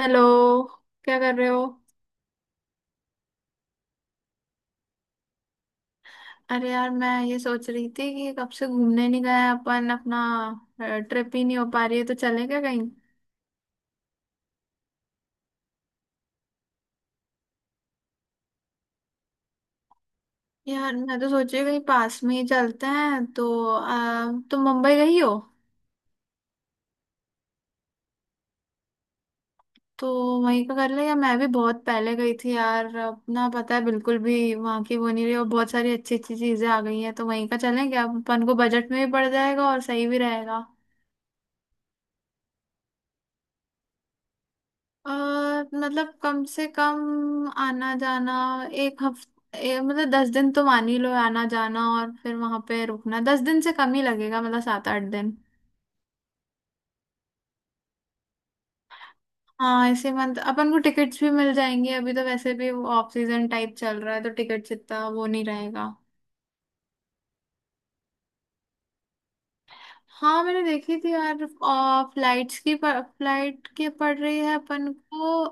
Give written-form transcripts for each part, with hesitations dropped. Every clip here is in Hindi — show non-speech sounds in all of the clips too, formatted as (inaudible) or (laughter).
हेलो। क्या कर रहे हो? अरे यार, मैं ये सोच रही थी कि कब से घूमने नहीं गए अपन, अपना ट्रिप ही नहीं हो पा रही है, तो चलें क्या कहीं? यार मैं तो सोच रही हूँ कहीं पास में ही चलते हैं, तो तुम मुंबई गई हो? तो वहीं का कर ले, या मैं भी बहुत पहले गई थी यार, अपना पता है बिल्कुल भी वहाँ की वो नहीं रही, और बहुत सारी अच्छी अच्छी चीजें आ गई हैं, तो वहीं का चलें क्या? अपन को बजट में भी पड़ जाएगा और सही भी रहेगा। और मतलब कम से कम आना जाना एक हफ्ते, मतलब 10 दिन तो मान ही लो आना जाना, और फिर वहां पे रुकना 10 दिन से कम ही लगेगा, मतलब 7-8 दिन। हाँ, इसी मंथ अपन को टिकट्स भी मिल जाएंगी, अभी तो वैसे भी ऑफ सीजन टाइप चल रहा है, तो टिकट्स इतना वो नहीं रहेगा। हाँ, मैंने देखी थी यार, फ्लाइट के पड़ रही है अपन को।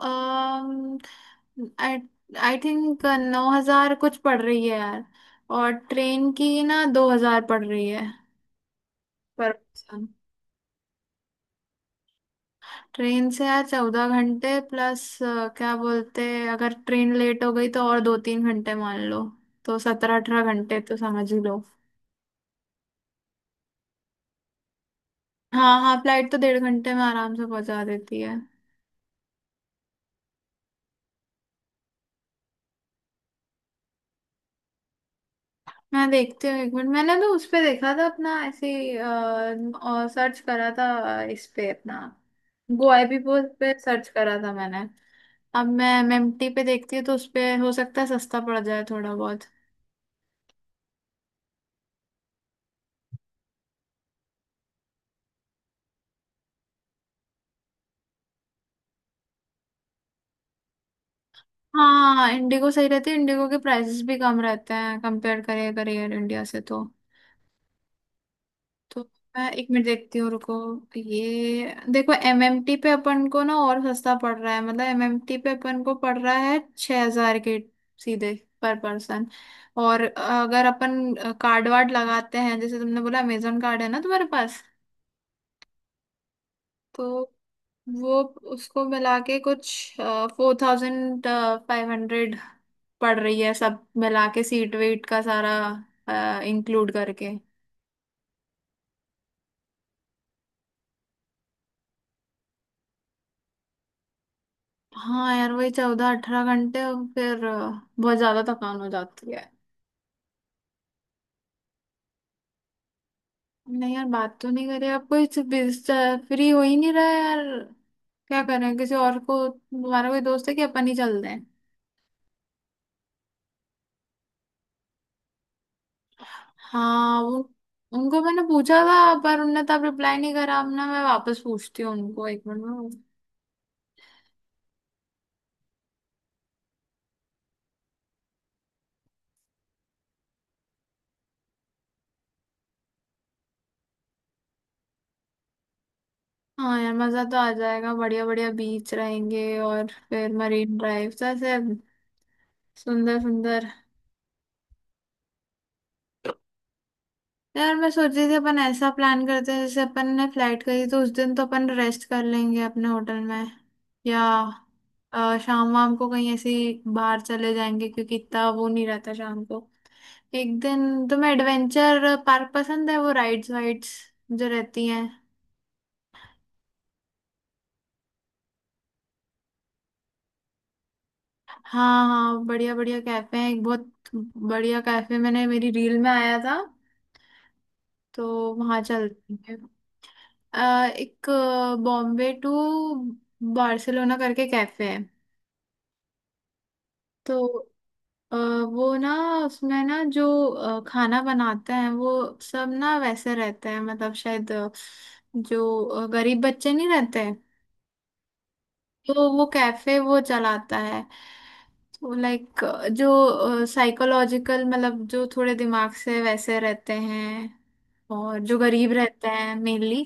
आई थिंक 9,000 कुछ पड़ रही है यार। और ट्रेन की ना 2,000 पड़ रही है। Per person. ट्रेन से यार 14 घंटे प्लस, क्या बोलते। अगर ट्रेन लेट हो गई तो और दो तीन घंटे मान लो, तो 17-18 घंटे तो समझ ही लो। हाँ हाँ, फ्लाइट तो 1.5 घंटे में आराम से पहुंचा देती है। मैं देखती हूँ एक मिनट, मैंने तो उस पे देखा था अपना ऐसे ही, और सर्च करा था। इस पे अपना गोआईबीबो पे सर्च करा था मैंने। अब मैं मेम्टी पे देखती हूँ, तो उस पे हो सकता है सस्ता पड़ जाए थोड़ा बहुत। हाँ, इंडिगो सही रहती है, इंडिगो के प्राइसेस भी कम रहते हैं कंपेयर करिए करियर इंडिया से तो। तो मैं एक मिनट देखती हूँ, रुको। ये देखो, एमएमटी पे अपन को ना और सस्ता पड़ रहा है, मतलब एमएमटी पे अपन को पड़ रहा है 6,000 के, सीधे, पर पर्सन। और अगर अपन कार्ड वार्ड लगाते हैं, जैसे तुमने बोला, अमेजोन कार्ड है ना तुम्हारे पास, तो वो, उसको मिला के कुछ 4,500 पड़ रही है, सब मिला के, सीट वेट का सारा इंक्लूड करके। हाँ यार, वही 14-18 घंटे, और फिर बहुत ज्यादा थकान हो जाती है। नहीं यार, बात तो नहीं करी अब कोई, फ्री हो ही नहीं रहा है यार। क्या करें, किसी और को, हमारा कोई दोस्त है, कि अपन ही चलते हैं? हाँ, उनको मैंने पूछा था, पर उनने तब रिप्लाई नहीं करा, अब ना मैं वापस पूछती हूँ उनको एक मिनट में। हाँ यार, मजा तो आ जाएगा, बढ़िया बढ़िया बीच रहेंगे, और फिर मरीन ड्राइव, ऐसे सुंदर सुंदर। यार मैं सोच रही थी, अपन ऐसा प्लान करते हैं, जैसे अपन ने फ्लाइट करी तो उस दिन तो अपन रेस्ट कर लेंगे अपने होटल में, या शाम वाम को कहीं ऐसे ही बाहर चले जाएंगे, क्योंकि इतना वो नहीं रहता शाम को। एक दिन, तुम्हें एडवेंचर पार्क पसंद है, वो राइड्स वाइड्स जो रहती हैं? हाँ हाँ, बढ़िया बढ़िया कैफे हैं, एक बहुत बढ़िया कैफे मैंने मेरी रील में आया था, तो वहाँ चलते हैं। एक बॉम्बे टू बार्सिलोना करके कैफे है, तो अ, वो ना, उसमें ना जो खाना बनाते हैं वो सब ना वैसे रहते हैं, मतलब शायद जो गरीब बच्चे नहीं रहते, तो वो कैफे वो चलाता है। तो लाइक जो साइकोलॉजिकल, मतलब जो थोड़े दिमाग से वैसे रहते हैं, और जो गरीब रहते हैं मेनली,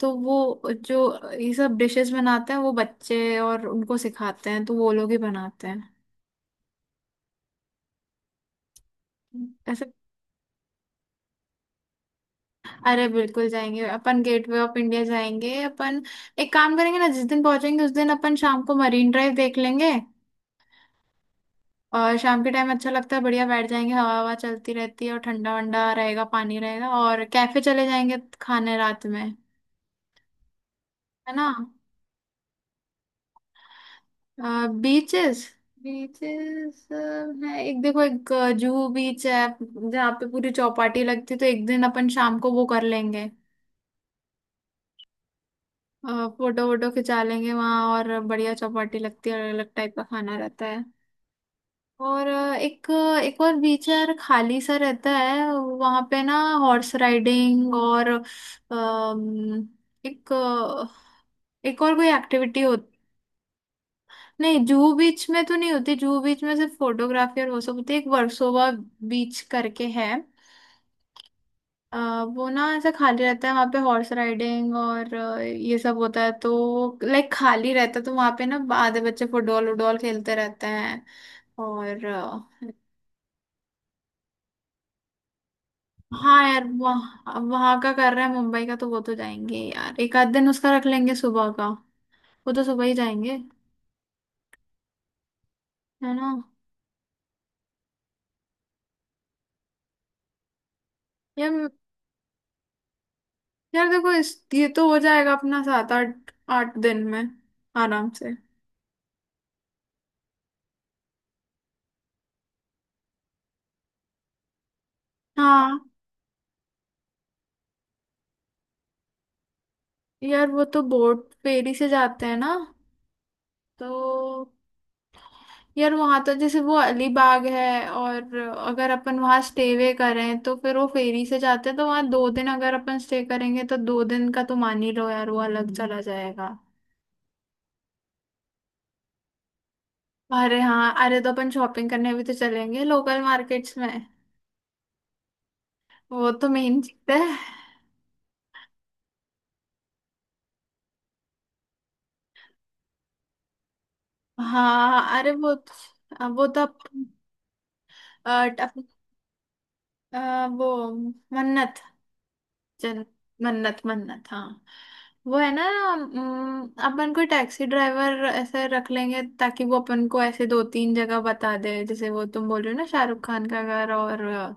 तो वो जो ये सब डिशेस बनाते हैं वो बच्चे, और उनको सिखाते हैं, तो वो लोग ही बनाते हैं ऐसे। अरे बिल्कुल जाएंगे अपन, गेटवे ऑफ इंडिया जाएंगे अपन। एक काम करेंगे ना, जिस दिन पहुंचेंगे उस दिन अपन शाम को मरीन ड्राइव देख लेंगे। और शाम के टाइम अच्छा लगता है, बढ़िया बैठ जाएंगे, हवा हवा चलती रहती है, और ठंडा वंडा रहेगा, पानी रहेगा, और कैफे चले जाएंगे खाने रात में। है ना? बीचेस, बीचेस है, एक देखो, एक जूहू बीच है जहाँ पे पूरी चौपाटी लगती है, तो एक दिन अपन शाम को वो कर लेंगे, फोटो वोटो खिंचा लेंगे वहां, और बढ़िया चौपाटी लगती है, अलग अलग टाइप का खाना रहता है। और एक, एक और बीच है यार, खाली सा रहता है वहां पे ना, हॉर्स राइडिंग और एक, एक और कोई एक्टिविटी हो। नहीं, जूहू बीच में तो नहीं होती, जूहू बीच में सिर्फ फोटोग्राफी और वो सब होती है, एक वर्सोवा बीच करके है। अ, वो ना, ऐसा खाली रहता है वहाँ पे, हॉर्स राइडिंग और ये सब होता है, तो लाइक खाली रहता है, तो वहाँ पे ना आधे बच्चे फुटबॉल वुटबॉल खेलते रहते हैं। और हाँ यार, वहाँ वहाँ का कर रहे हैं मुंबई का, तो वो तो जाएंगे यार, एक आध दिन उसका रख लेंगे सुबह का, वो तो सुबह ही जाएंगे, है ना? यार यार, देखो, इस ये तो हो जाएगा अपना सात आठ आठ दिन में, आराम से। हाँ यार, वो तो बोट फेरी से जाते हैं ना, तो यार वहां तो, जैसे वो अलीबाग है, और अगर अपन वहां स्टे वे करें, तो फिर वो फेरी से जाते हैं, तो वहां 2 दिन अगर अपन स्टे करेंगे, तो 2 दिन का तो मान ही लो यार, वो अलग चला जाएगा। अरे हाँ, अरे तो अपन शॉपिंग करने भी तो चलेंगे लोकल मार्केट्स में, वो तो मेन चीज है। हाँ अरे वो तो अपन, अ, अपन- अ, वो, मन्नत, जन मन्नत मन्नत, हाँ, वो है ना। अपन कोई टैक्सी ड्राइवर ऐसे रख लेंगे, ताकि वो अपन को ऐसे दो तीन जगह बता दे, जैसे वो तुम बोल रहे हो ना, शाहरुख खान का घर और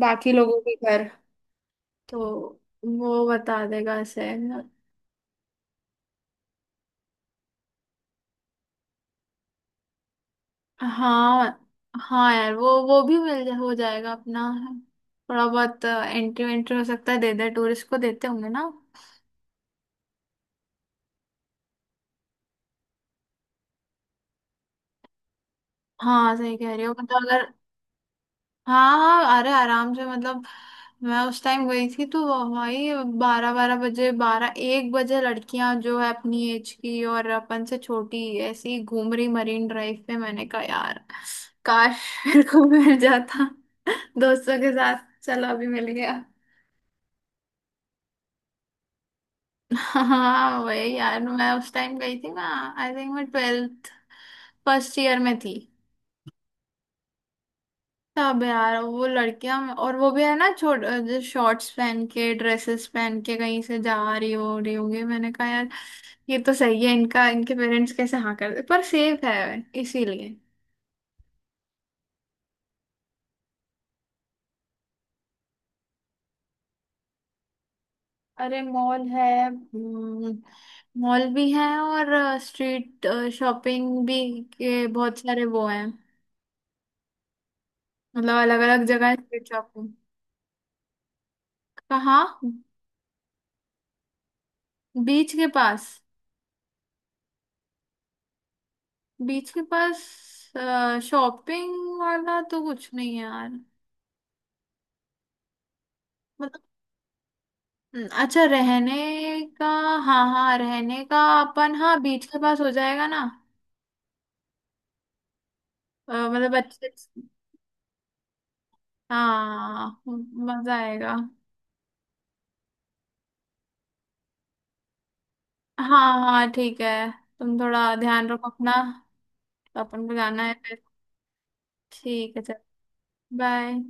बाकी लोगों के घर, तो वो बता देगा ऐसे। हाँ हाँ यार, वो भी हो जाएगा अपना, थोड़ा बहुत एंट्री वेंट्री हो सकता है, दे दे टूरिस्ट को देते होंगे ना। हाँ, सही कह रही हो मतलब, अगर। हाँ हाँ, अरे आराम से, मतलब मैं उस टाइम गई थी तो वही बारह 12 बजे, बारह एक बजे लड़कियां जो है अपनी एज की और अपन से छोटी ऐसी ही घूम रही मरीन ड्राइव पे, मैंने कहा यार, काश (laughs) मेरे को मिल जाता दोस्तों के साथ, चलो अभी मिल गया। हाँ वही, यार मैं उस टाइम गई थी ना, आई थिंक मैं 12th, फर्स्ट ईयर में थी। सब है यार वो लड़कियां, और वो भी है ना छोट जो शॉर्ट्स पहन के, ड्रेसेस पहन के कहीं से जा रही हो, रही होंगी, मैंने कहा यार, ये तो सही है, इनका इनके पेरेंट्स कैसे हाँ कर दे, पर सेफ है इसीलिए। अरे मॉल है, मॉल भी है, और स्ट्रीट शॉपिंग भी के बहुत सारे वो हैं, मतलब अलग अलग जगह है स्ट्रीट शॉपिंग। कहाँ? बीच के पास? बीच के पास शॉपिंग वाला तो कुछ नहीं है यार। अच्छा, रहने का। हाँ हाँ, रहने का अपन, हाँ, बीच के पास हो जाएगा ना, मतलब अच्छे। हाँ, मजा आएगा। हाँ हाँ, ठीक है। तुम थोड़ा ध्यान रखो अपना, तो अपन को जाना है फिर। ठीक है, चल। बाय।